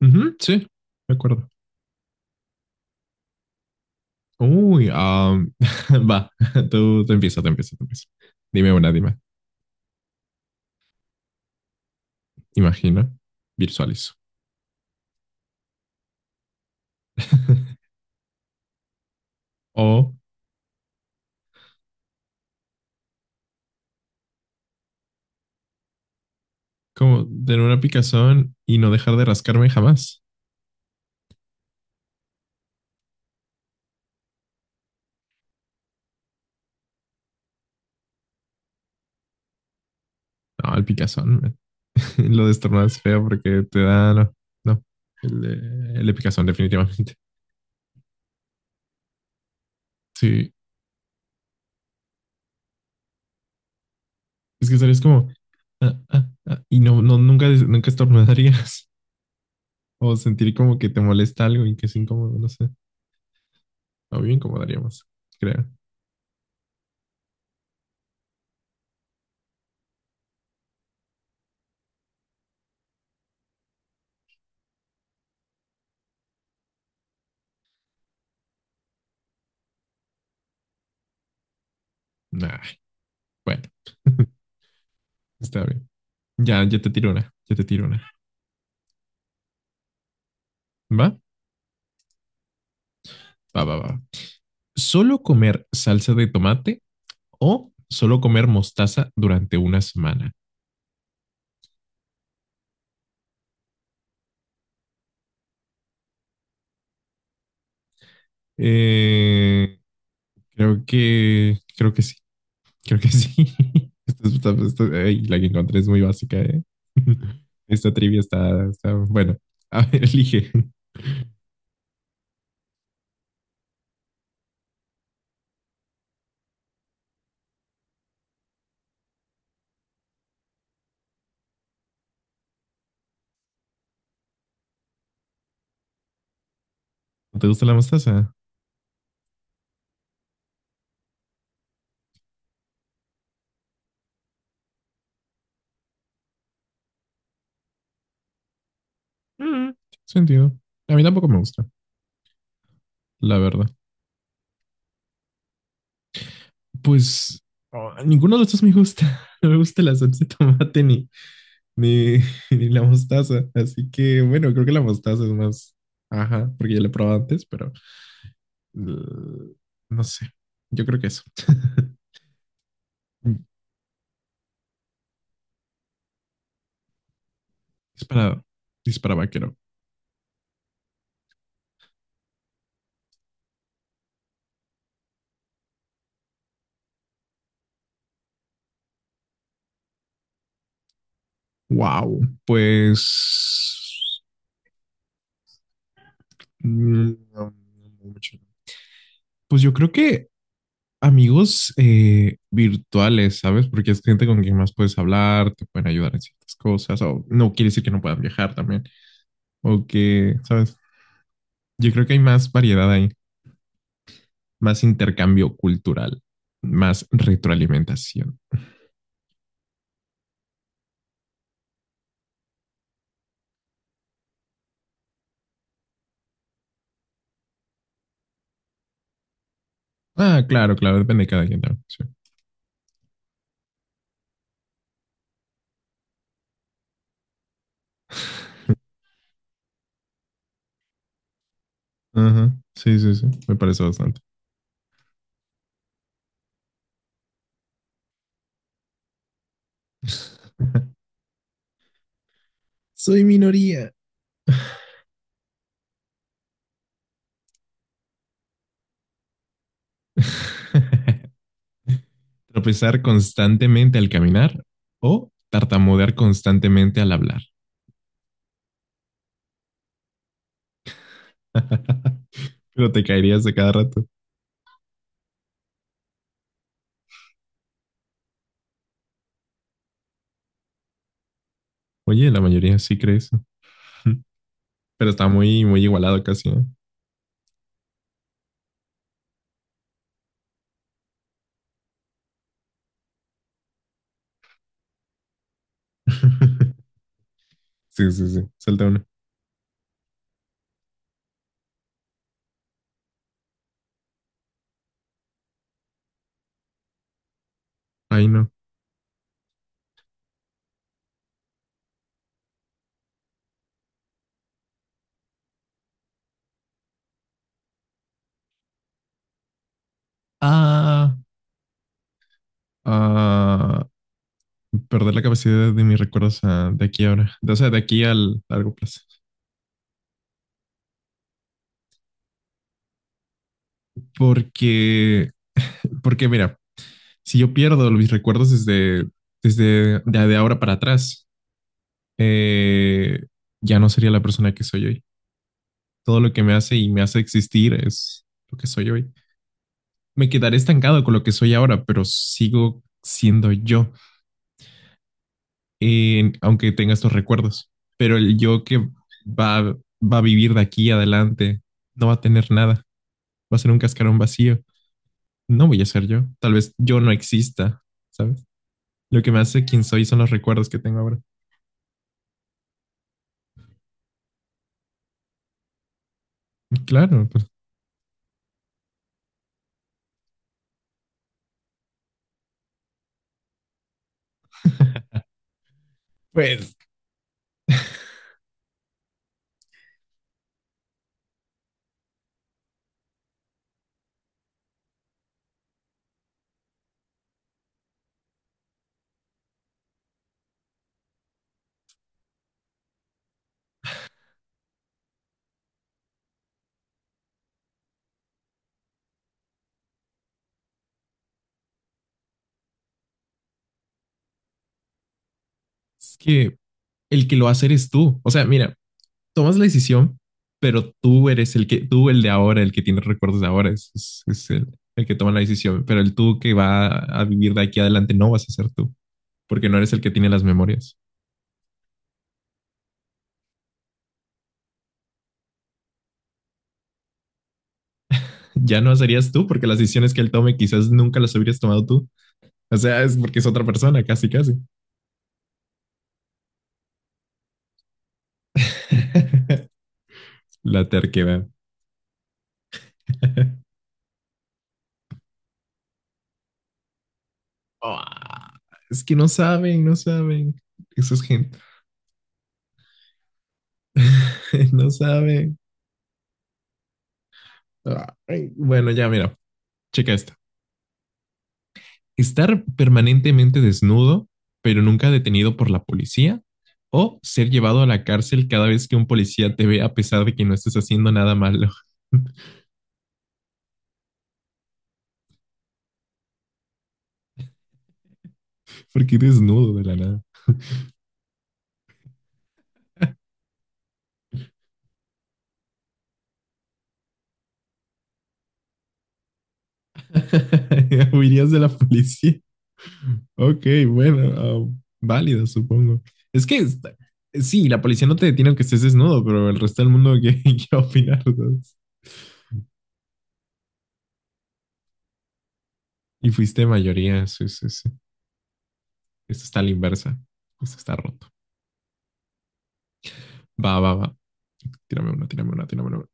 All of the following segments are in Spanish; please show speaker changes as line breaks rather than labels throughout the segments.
Ujú, sí, de acuerdo. Uy, va, tú te empieza. Dime una, dime. Imagina, visualizo. O como tener una picazón y no dejar de rascarme jamás. No, el picazón, man. Lo de estornudar es feo porque te da, no, no. El de picazón, definitivamente. Sí, es que estarías como, y no, no, nunca, nunca estornudarías. O sentir como que te molesta algo y que es incómodo, no sé. O bien incomodaríamos, creo. Nah, bueno, está bien. Ya, ya te tiro una, ya te tiro una. ¿Va? Va, va, va. ¿Solo comer salsa de tomate o solo comer mostaza durante una semana? Eh, creo que sí, creo que sí. Esta, esta- ey, la que encontré es muy básica, ¿eh? Esta trivia bueno, a ver, elige. ¿No te gusta la mostaza? Mm, sentido. A mí tampoco me gusta, la verdad. Pues oh, ninguno de estos me gusta. No me gusta la salsa de tomate ni, ni, ni la mostaza. Así que bueno, creo que la mostaza es más. Ajá, porque ya la he probado antes, pero uh, no sé. Yo creo que eso. Disparado. Dispara vaquero. Wow. Pues. No, no mucho. Pues yo creo que amigos virtuales, ¿sabes? Porque es gente con quien más puedes hablar, te pueden ayudar en ciertas cosas, o no quiere decir que no puedan viajar también, o que, ¿sabes? Yo creo que hay más variedad ahí, más intercambio cultural, más retroalimentación. Ah, claro, claro, depende de cada quien también. Sí. Ajá. Sí, sí, sí. Me parece bastante. Soy minoría. Tropezar constantemente al caminar o tartamudear constantemente al hablar. Pero te caerías de cada rato. Oye, la mayoría sí cree eso. Pero está muy, muy igualado casi, ¿eh? Sí, sí, sí. Salta uno. Ay, no. Ah, ah, perder la capacidad de mis recuerdos de aquí a ahora. O sea, de aquí al largo plazo. Porque, porque mira, si yo pierdo mis recuerdos de ahora para atrás, eh, ya no sería la persona que soy hoy. Todo lo que me hace y me hace existir es lo que soy hoy. Me quedaré estancado con lo que soy ahora, pero sigo siendo yo, aunque tenga estos recuerdos. Pero el yo que va, va a vivir de aquí adelante no va a tener nada, va a ser un cascarón vacío. No voy a ser yo, tal vez yo no exista, ¿sabes? Lo que me hace quien soy son los recuerdos que tengo ahora. Y claro, pues pues es que el que lo va a hacer es tú. O sea, mira, tomas la decisión, pero tú eres el que, tú el de ahora, el que tiene recuerdos de ahora, es el que toma la decisión. Pero el tú que va a vivir de aquí adelante no vas a ser tú, porque no eres el que tiene las memorias. Ya no serías tú, porque las decisiones que él tome quizás nunca las hubieras tomado tú. O sea, es porque es otra persona, casi, casi. La terquedad. Ah, es que no saben, no saben. Eso es gente. No saben. Ay, bueno, ya mira, checa esta. Estar permanentemente desnudo, pero nunca detenido por la policía, o ser llevado a la cárcel cada vez que un policía te ve a pesar de que no estés haciendo nada malo. Porque desnudo de la nada. Huirías de la policía. Ok, bueno, válido, supongo. Es que está- sí, la policía no te detiene aunque estés desnudo, pero el resto del mundo, ¿qué, qué va a opinar, ¿sabes? Y fuiste mayoría, sí, sí, sí. Esto está a la inversa. Esto está roto. Va, va, va. Tírame una, tírame una, tírame una.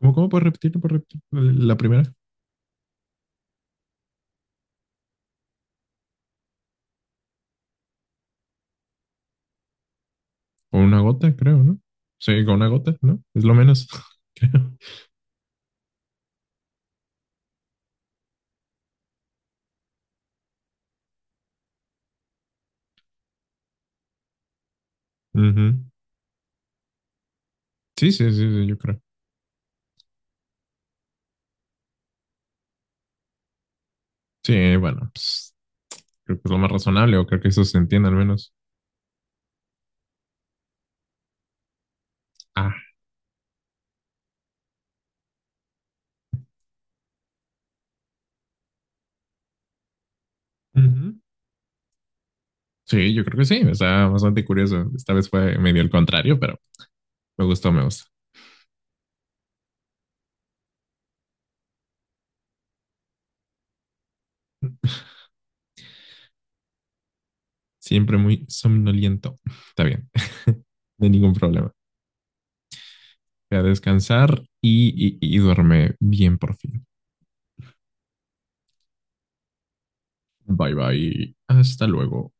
¿Cómo, cómo puedes repetir? ¿Puedes repetir la primera? Con una gota, creo, ¿no? Sí, con una gota, ¿no? Es lo menos, creo. Ujú. Sí, sí, sí, sí, yo creo. Sí, bueno, pues, creo que es lo más razonable, o creo que eso se entiende al menos. Ah. Ujú. Sí, yo creo que sí, está bastante curioso. Esta vez fue medio el contrario, pero me gustó, me gustó. Siempre muy somnoliento. Está bien. No hay ningún problema. Voy a descansar y duerme bien por fin. Bye bye. Hasta luego.